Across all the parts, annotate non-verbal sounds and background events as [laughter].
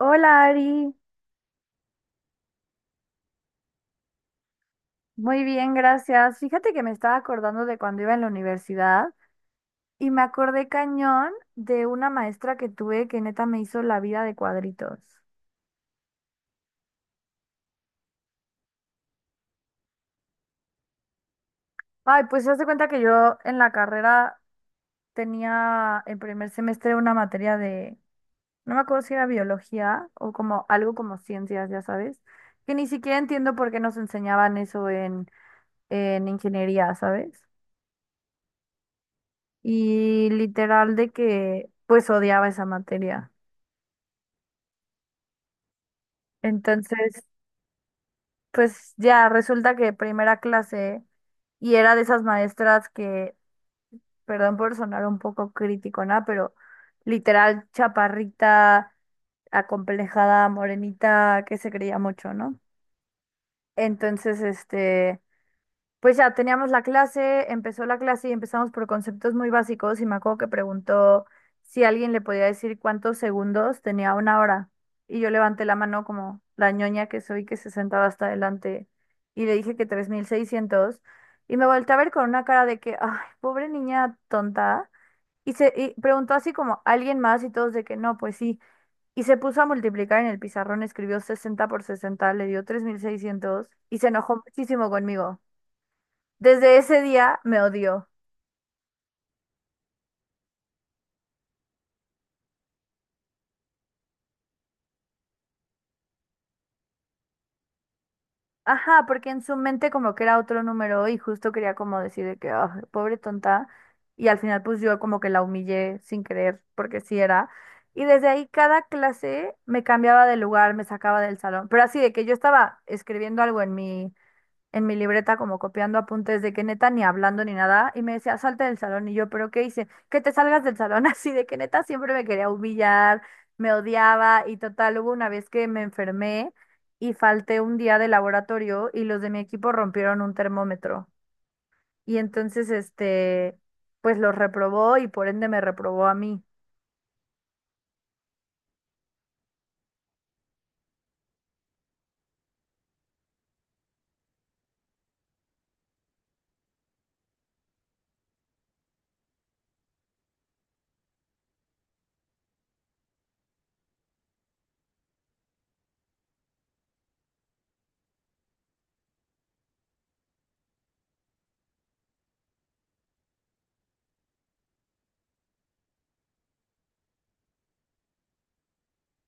Hola Ari, muy bien, gracias. Fíjate que me estaba acordando de cuando iba en la universidad y me acordé cañón de una maestra que tuve que neta me hizo la vida de cuadritos. Ay, pues se hace cuenta que yo en la carrera tenía en primer semestre una materia de, no me acuerdo si era biología o como algo como ciencias, ya sabes, que ni siquiera entiendo por qué nos enseñaban eso en ingeniería, ¿sabes? Y literal de que pues odiaba esa materia. Entonces, pues ya resulta que primera clase y era de esas maestras que, perdón por sonar un poco crítico, ¿no? Pero literal chaparrita, acomplejada, morenita, que se creía mucho, ¿no? Entonces, este, pues ya teníamos la clase, empezó la clase y empezamos por conceptos muy básicos y me acuerdo que preguntó si alguien le podía decir cuántos segundos tenía una hora. Y yo levanté la mano como la ñoña que soy que se sentaba hasta adelante y le dije que 3600 y me volteé a ver con una cara de que, ay, pobre niña tonta. Y preguntó así como alguien más y todos de que no, pues sí. Y se puso a multiplicar en el pizarrón, escribió 60 por 60 le dio 3600 y se enojó muchísimo conmigo. Desde ese día me odió. Ajá, porque en su mente como que era otro número y justo quería como decir de que, "Ah, pobre tonta". Y al final pues yo como que la humillé sin querer, porque sí era. Y desde ahí cada clase me cambiaba de lugar, me sacaba del salón. Pero así de que yo estaba escribiendo algo en mi libreta como copiando apuntes de que neta ni hablando ni nada y me decía, salte del salón y yo, pero ¿qué hice? Que te salgas del salón [laughs] así de que neta siempre me quería humillar, me odiaba y total, hubo una vez que me enfermé y falté un día de laboratorio y los de mi equipo rompieron un termómetro y entonces este, pues los reprobó y por ende me reprobó a mí.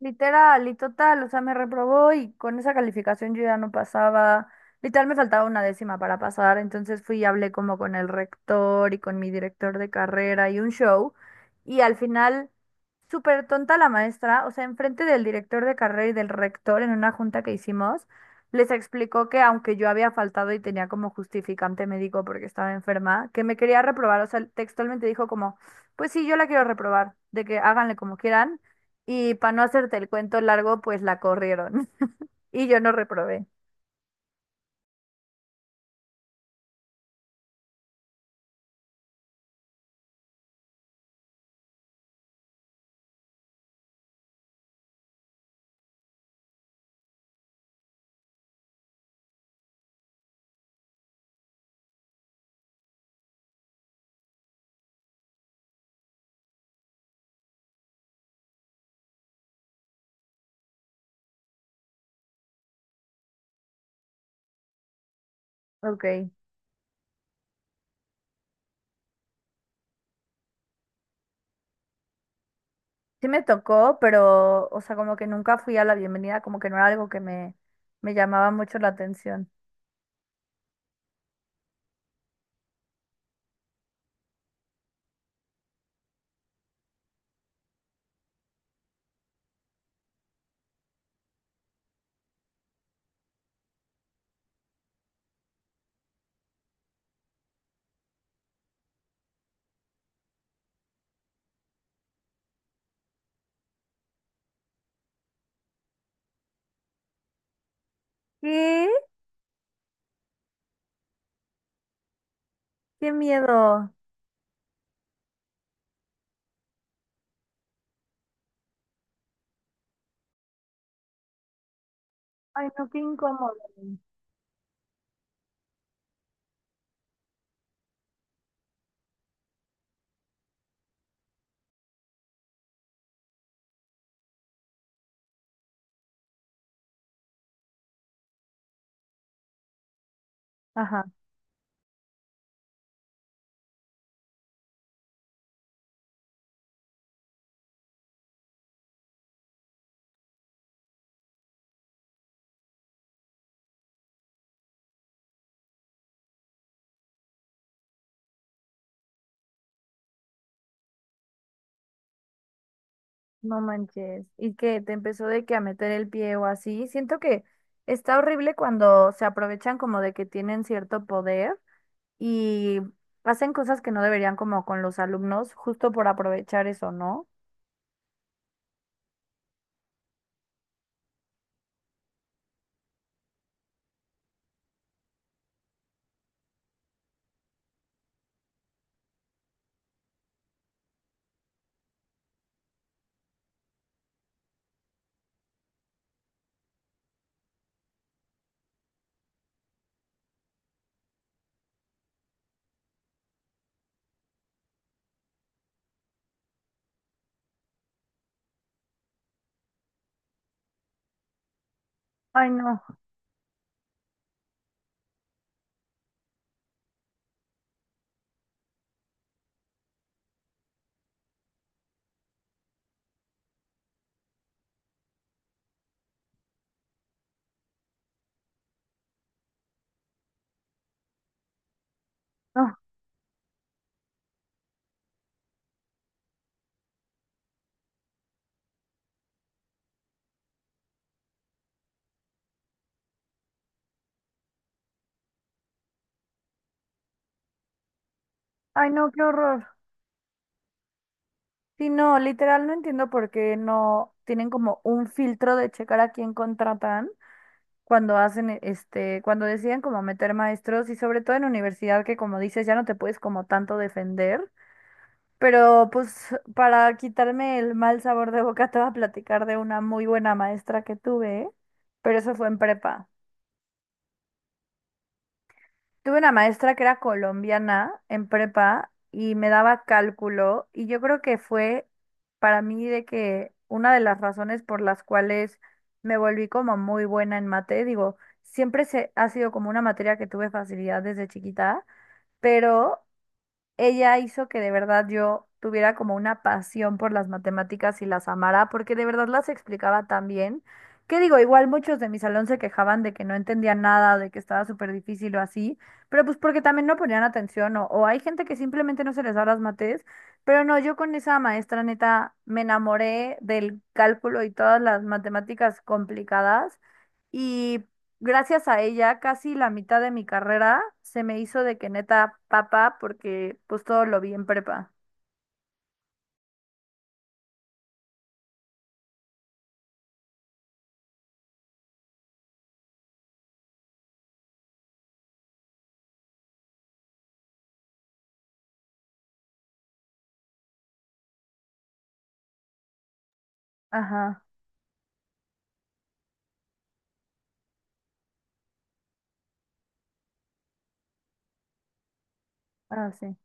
Literal y total, o sea, me reprobó y con esa calificación yo ya no pasaba, literal me faltaba una décima para pasar, entonces fui y hablé como con el rector y con mi director de carrera y un show y al final, súper tonta la maestra, o sea, enfrente del director de carrera y del rector en una junta que hicimos, les explicó que aunque yo había faltado y tenía como justificante médico porque estaba enferma, que me quería reprobar, o sea, textualmente dijo como, pues sí, yo la quiero reprobar, de que háganle como quieran y para no hacerte el cuento largo, pues la corrieron. [laughs] Y yo no reprobé. Ok. Sí me tocó, pero, o sea, como que nunca fui a la bienvenida, como que no era algo que me llamaba mucho la atención. ¿Qué? ¡Qué miedo! Ay, no, qué incómodo. Ajá, no manches. Y que te empezó de que a meter el pie o así. Siento que está horrible cuando se aprovechan como de que tienen cierto poder y hacen cosas que no deberían como con los alumnos, justo por aprovechar eso, ¿no? Ay, no, no, ay, no, qué horror. Sí, no, literal no entiendo por qué no tienen como un filtro de checar a quién contratan cuando hacen, este, cuando deciden como meter maestros y sobre todo en universidad que como dices ya no te puedes como tanto defender. Pero pues para quitarme el mal sabor de boca te voy a platicar de una muy buena maestra que tuve, pero eso fue en prepa. Tuve una maestra que era colombiana en prepa y me daba cálculo y yo creo que fue para mí de que una de las razones por las cuales me volví como muy buena en mate, digo, siempre ha sido como una materia que tuve facilidad desde chiquita, pero ella hizo que de verdad yo tuviera como una pasión por las matemáticas y las amara, porque de verdad las explicaba tan bien. Que digo, igual muchos de mi salón se quejaban de que no entendían nada, de que estaba súper difícil o así, pero pues porque también no ponían atención o hay gente que simplemente no se les da las mates, pero no, yo con esa maestra neta me enamoré del cálculo y todas las matemáticas complicadas gracias a ella, casi la mitad de mi carrera se me hizo de que neta papa porque pues todo lo vi en prepa. Ajá, así.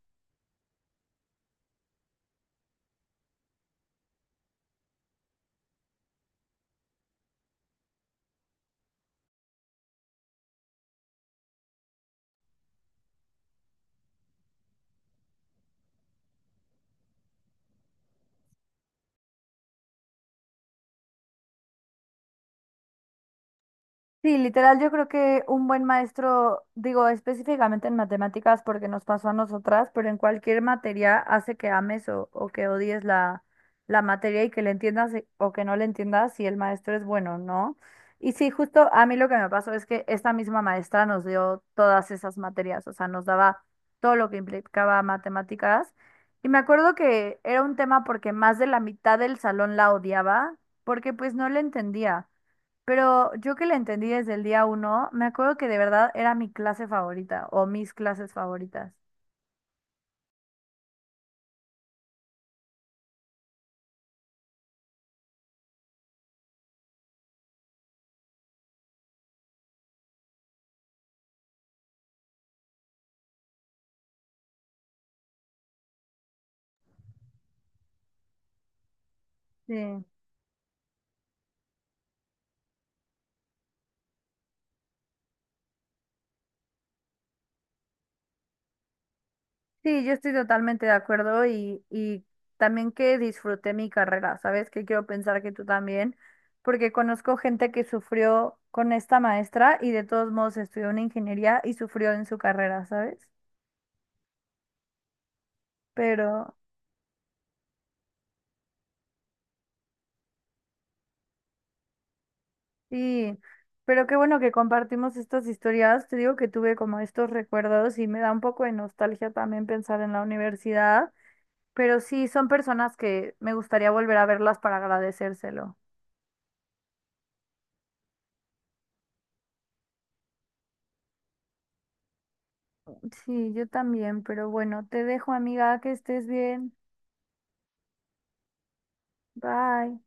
Sí, literal, yo creo que un buen maestro, digo específicamente en matemáticas porque nos pasó a nosotras, pero en cualquier materia hace que ames o que odies la materia y que le entiendas o que no le entiendas si el maestro es bueno, ¿no? Y sí, justo a mí lo que me pasó es que esta misma maestra nos dio todas esas materias, o sea, nos daba todo lo que implicaba matemáticas. Y me acuerdo que era un tema porque más de la mitad del salón la odiaba porque pues no le entendía. Pero yo que la entendí desde el día uno, me acuerdo que de verdad era mi clase favorita o mis clases favoritas. Sí, sí, yo estoy totalmente de acuerdo y también que disfruté mi carrera, ¿sabes? Que quiero pensar que tú también, porque conozco gente que sufrió con esta maestra y de todos modos estudió una ingeniería y sufrió en su carrera, ¿sabes? Pero sí, pero qué bueno que compartimos estas historias. Te digo que tuve como estos recuerdos y me da un poco de nostalgia también pensar en la universidad. Pero sí, son personas que me gustaría volver a verlas para agradecérselo. Sí, yo también, pero bueno, te dejo, amiga, que estés bien. Bye.